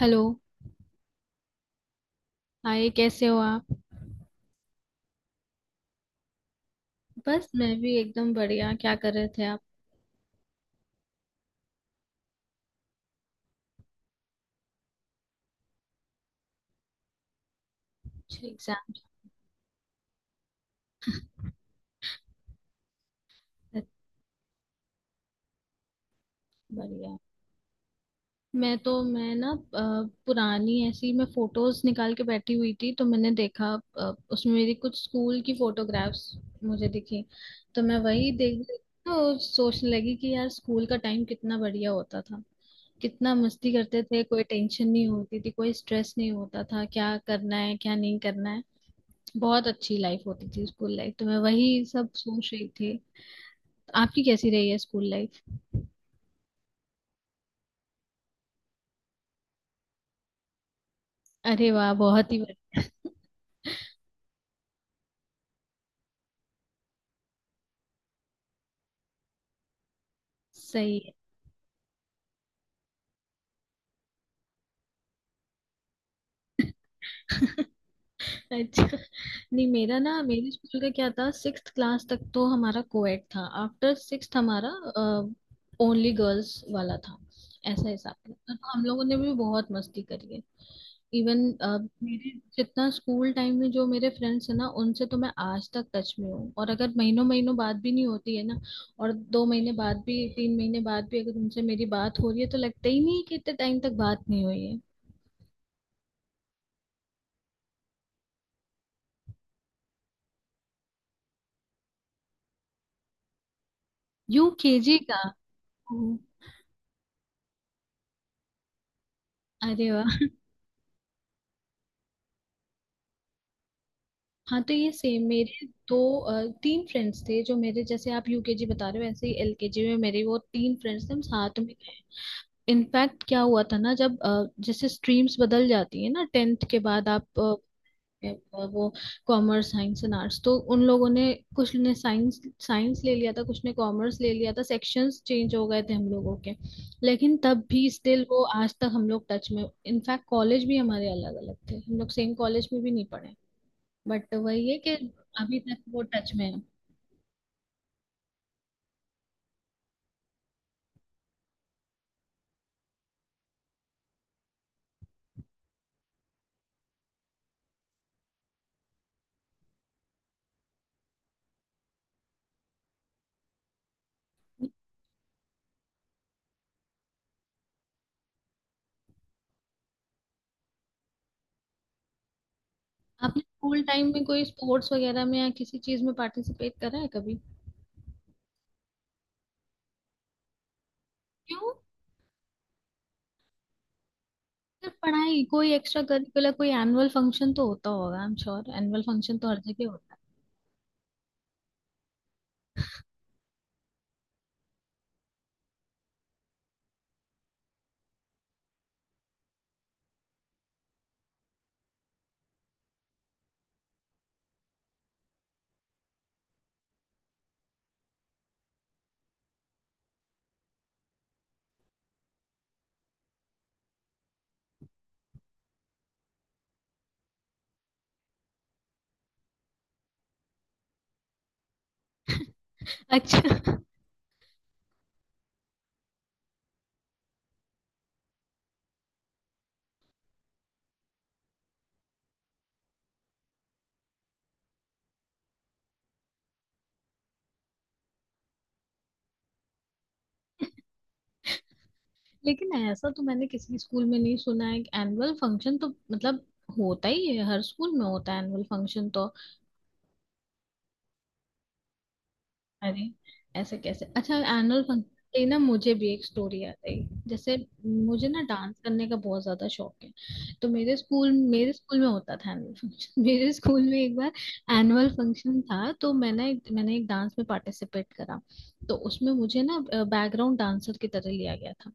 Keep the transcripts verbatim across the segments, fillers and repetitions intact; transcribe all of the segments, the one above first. Hello. Hi, कैसे हो आप? बस मैं भी एकदम बढ़िया। क्या कर रहे थे आप? कुछ एग्जाम? बढ़िया। मैं तो मैं ना अ, पुरानी ऐसी मैं फोटोज निकाल के बैठी हुई थी, तो मैंने देखा अ, उसमें मेरी कुछ स्कूल की फोटोग्राफ्स मुझे दिखी। तो मैं वही देख देख तो सोचने लगी कि यार स्कूल का टाइम कितना बढ़िया होता था। कितना मस्ती करते थे, कोई टेंशन नहीं होती थी, कोई स्ट्रेस नहीं होता था, क्या करना है क्या नहीं करना है। बहुत अच्छी लाइफ होती थी स्कूल लाइफ, तो मैं वही सब सोच रही थी। आपकी कैसी रही है स्कूल लाइफ? अरे वाह, बहुत ही बढ़िया। सही है। अच्छा नहीं, मेरा ना मेरे स्कूल का क्या था, सिक्स्थ क्लास तक तो हमारा कोएड था, आफ्टर सिक्स्थ हमारा ओनली गर्ल्स वाला था। ऐसा हिसाब था, तो हम लोगों ने भी बहुत मस्ती करी है। इवन मेरे जितना स्कूल टाइम में जो मेरे फ्रेंड्स हैं ना, उनसे तो मैं आज तक टच में हूँ। और अगर महीनों महीनों बात भी नहीं होती है ना, और दो महीने बाद भी तीन महीने बाद भी अगर उनसे मेरी बात हो रही है तो लगता ही नहीं है कि इतने टाइम तक बात नहीं हुई है। यू के जी का? हम्म। अरे वाह। हाँ, तो ये सेम मेरे दो अ, तीन फ्रेंड्स थे, जो मेरे जैसे आप यू के जी बता रहे हो ऐसे ही एल के जी में मेरे वो तीन फ्रेंड्स थे, हम साथ में। इनफैक्ट क्या हुआ था ना, जब अ, जैसे स्ट्रीम्स बदल जाती है ना टेंथ के बाद आप है, वो कॉमर्स साइंस एंड आर्ट्स, तो उन लोगों ने कुछ ने साइंस साइंस ले लिया था, कुछ ने कॉमर्स ले लिया था, सेक्शंस चेंज हो गए थे हम लोगों के। लेकिन तब भी स्टिल वो आज तक हम लोग टच में। इनफैक्ट कॉलेज भी हमारे अलग अलग थे, हम लोग सेम कॉलेज में भी नहीं पढ़े। बट वही है कि अभी तक वो टच में है। आपने स्कूल टाइम में कोई स्पोर्ट्स वगैरह में या किसी चीज में पार्टिसिपेट करा है कभी? क्यों? सिर्फ पढ़ाई? कोई एक्स्ट्रा करिकुलर? कोई एनुअल फंक्शन तो होता होगा, I am sure, annual function तो हर जगह होता है। अच्छा। लेकिन ऐसा तो मैंने किसी स्कूल में नहीं सुना है कि एनुअल फंक्शन तो मतलब होता ही है, हर स्कूल में होता है एनुअल फंक्शन तो। अरे, ऐसे कैसे? अच्छा एनुअल फंक्शन। ना मुझे भी एक स्टोरी याद आई। जैसे मुझे ना डांस करने का बहुत ज्यादा शौक है। तो मेरे स्कूल मेरे स्कूल में होता था एनुअल फंक्शन। मेरे स्कूल में एक बार एनुअल फंक्शन था, तो मैंने एक मैंने एक डांस में पार्टिसिपेट करा। तो उसमें मुझे ना बैकग्राउंड डांसर की तरह लिया गया था।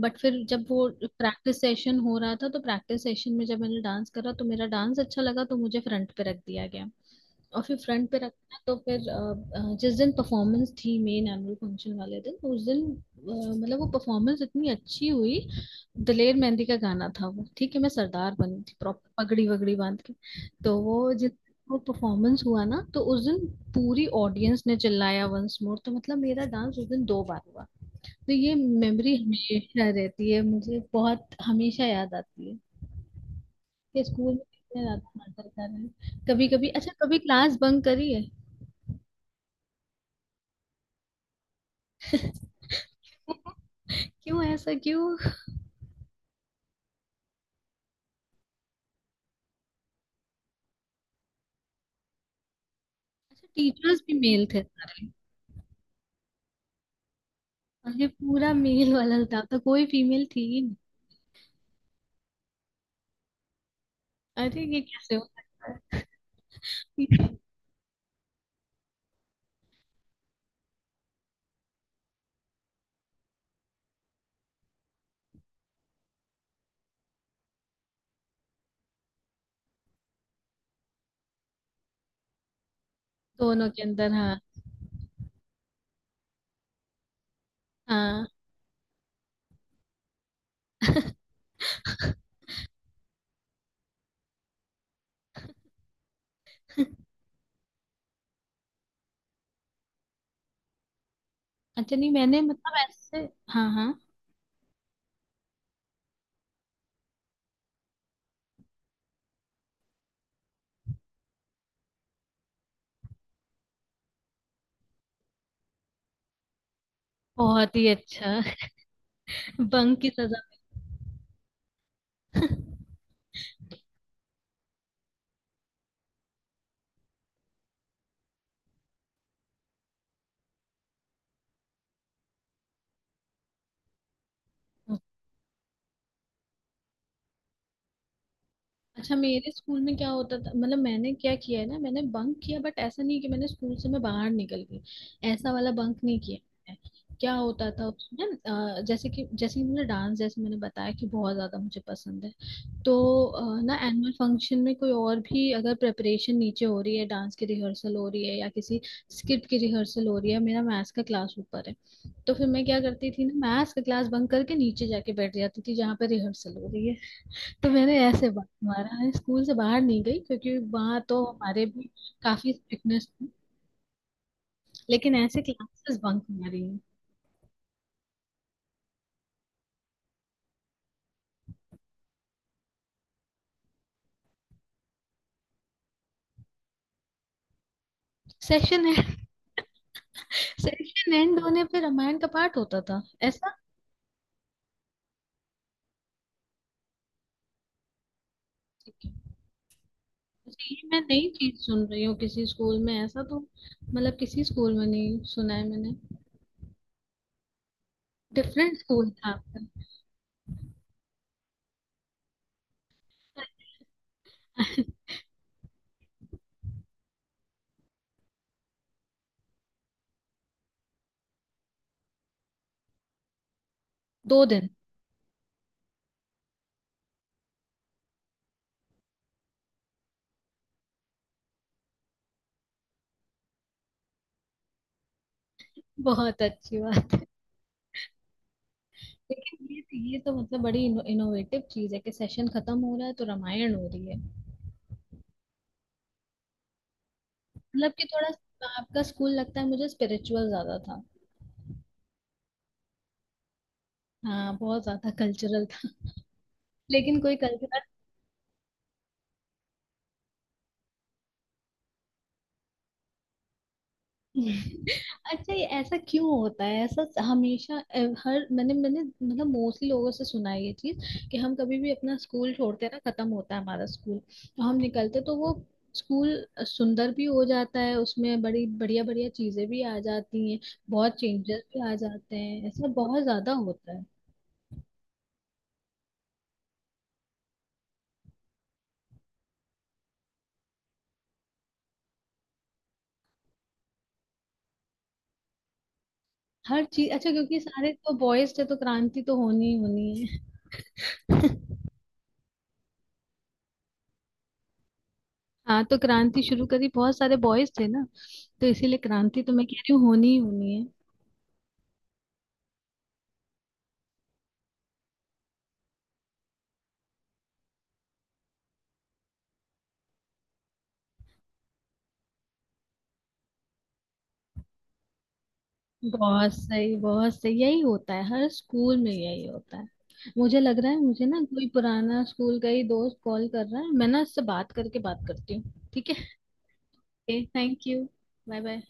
बट फिर जब वो प्रैक्टिस सेशन हो रहा था, तो प्रैक्टिस सेशन में जब मैंने डांस करा तो मेरा डांस अच्छा लगा, तो मुझे फ्रंट पे रख दिया गया। और फिर फ्रंट पे रखना, तो फिर अ, अ, जिस दिन परफॉर्मेंस थी, मेन एनुअल फंक्शन वाले दिन, तो उस दिन अ, मतलब वो परफॉर्मेंस इतनी अच्छी हुई। दलेर मेहंदी का गाना था वो, ठीक है, मैं सरदार बनी थी, प्रॉपर पगड़ी वगड़ी बांध के। तो वो जिस वो परफॉर्मेंस हुआ ना, तो उस दिन पूरी ऑडियंस ने चिल्लाया वंस मोर। तो मतलब मेरा डांस उस दिन दो बार हुआ। तो ये मेमोरी हमेशा रहती है मुझे, बहुत हमेशा याद आती है। कि स्कूल में कितने रात मटर कर रहे हैं, कभी कभी अच्छा कभी क्लास बंक करी है। क्यों ऐसा क्यों? अच्छा, टीचर्स भी मेल थे सारे? अरे पूरा मेल वाला स्टाफ था, तो कोई फीमेल थी ही नहीं? अरे ये कैसे हो सकता है? दोनों के अंदर, हाँ। हाँ। अच्छा नहीं, मैंने मतलब ऐसे। हाँ हाँ। बहुत ही अच्छा। बंक की सजा। अच्छा, मेरे स्कूल में क्या होता था, मतलब मैंने क्या किया है ना, मैंने बंक किया, बट ऐसा नहीं कि मैंने स्कूल से मैं बाहर निकल गई। ऐसा वाला बंक नहीं किया मैंने। क्या होता था उसमें, अ, जैसे कि जैसे कि मैंने डांस, जैसे मैंने बताया कि बहुत ज्यादा मुझे पसंद है। तो अ, ना एनुअल फंक्शन में कोई और भी अगर प्रेपरेशन नीचे हो रही है, डांस की रिहर्सल हो रही है या किसी स्किट की रिहर्सल हो रही है, मेरा मैथ्स का क्लास ऊपर है। तो फिर मैं क्या करती थी ना, मैथ्स का क्लास बंक करके नीचे जाके बैठ जाती थी जहाँ पे रिहर्सल हो रही है। तो मैंने ऐसे बा- मारा है, स्कूल से बाहर नहीं गई क्योंकि वहां तो हमारे भी काफी स्ट्रिक्टनेस थी। लेकिन ऐसे क्लासेस बंक मारी है। Session end? सेशन एंड होने पे रामायण का पाठ होता था? ऐसा? अच्छा। ये मैं नई चीज सुन रही हूँ, किसी स्कूल में ऐसा तो मतलब किसी स्कूल में नहीं सुना है मैंने। डिफरेंट स्कूल था आपका। दो दिन? बहुत अच्छी बात है। लेकिन ये ये तो मतलब बड़ी इनो, इनोवेटिव चीज है कि सेशन खत्म हो रहा है तो रामायण हो रही है। मतलब कि थोड़ा आपका स्कूल लगता है मुझे स्पिरिचुअल ज्यादा था। हाँ बहुत ज्यादा कल्चरल था। लेकिन कोई कल्चरल। अच्छा, ये ऐसा क्यों होता है, ऐसा हमेशा अ, हर मैंने मैंने मतलब मोस्टली लोगों से सुना है ये चीज। कि हम कभी भी अपना स्कूल छोड़ते हैं ना, खत्म होता है हमारा स्कूल, तो हम निकलते तो वो स्कूल सुंदर भी हो जाता है, उसमें बड़ी बढ़िया बढ़िया चीजें भी आ जाती हैं, बहुत चेंजेस भी आ जाते हैं, ऐसा बहुत ज्यादा होता है। हर चीज अच्छा, क्योंकि सारे तो बॉयज थे तो क्रांति तो होनी ही होनी है। हाँ, तो क्रांति शुरू करी, बहुत सारे बॉयज थे ना, तो इसीलिए क्रांति तो मैं कह रही हूँ होनी ही होनी है। बहुत सही, बहुत सही, यही होता है हर स्कूल में यही होता है। मुझे लग रहा है मुझे ना कोई पुराना स्कूल का ही दोस्त कॉल कर रहा है, मैं ना उससे बात करके बात करती हूँ, ठीक है? Thank you. Bye bye.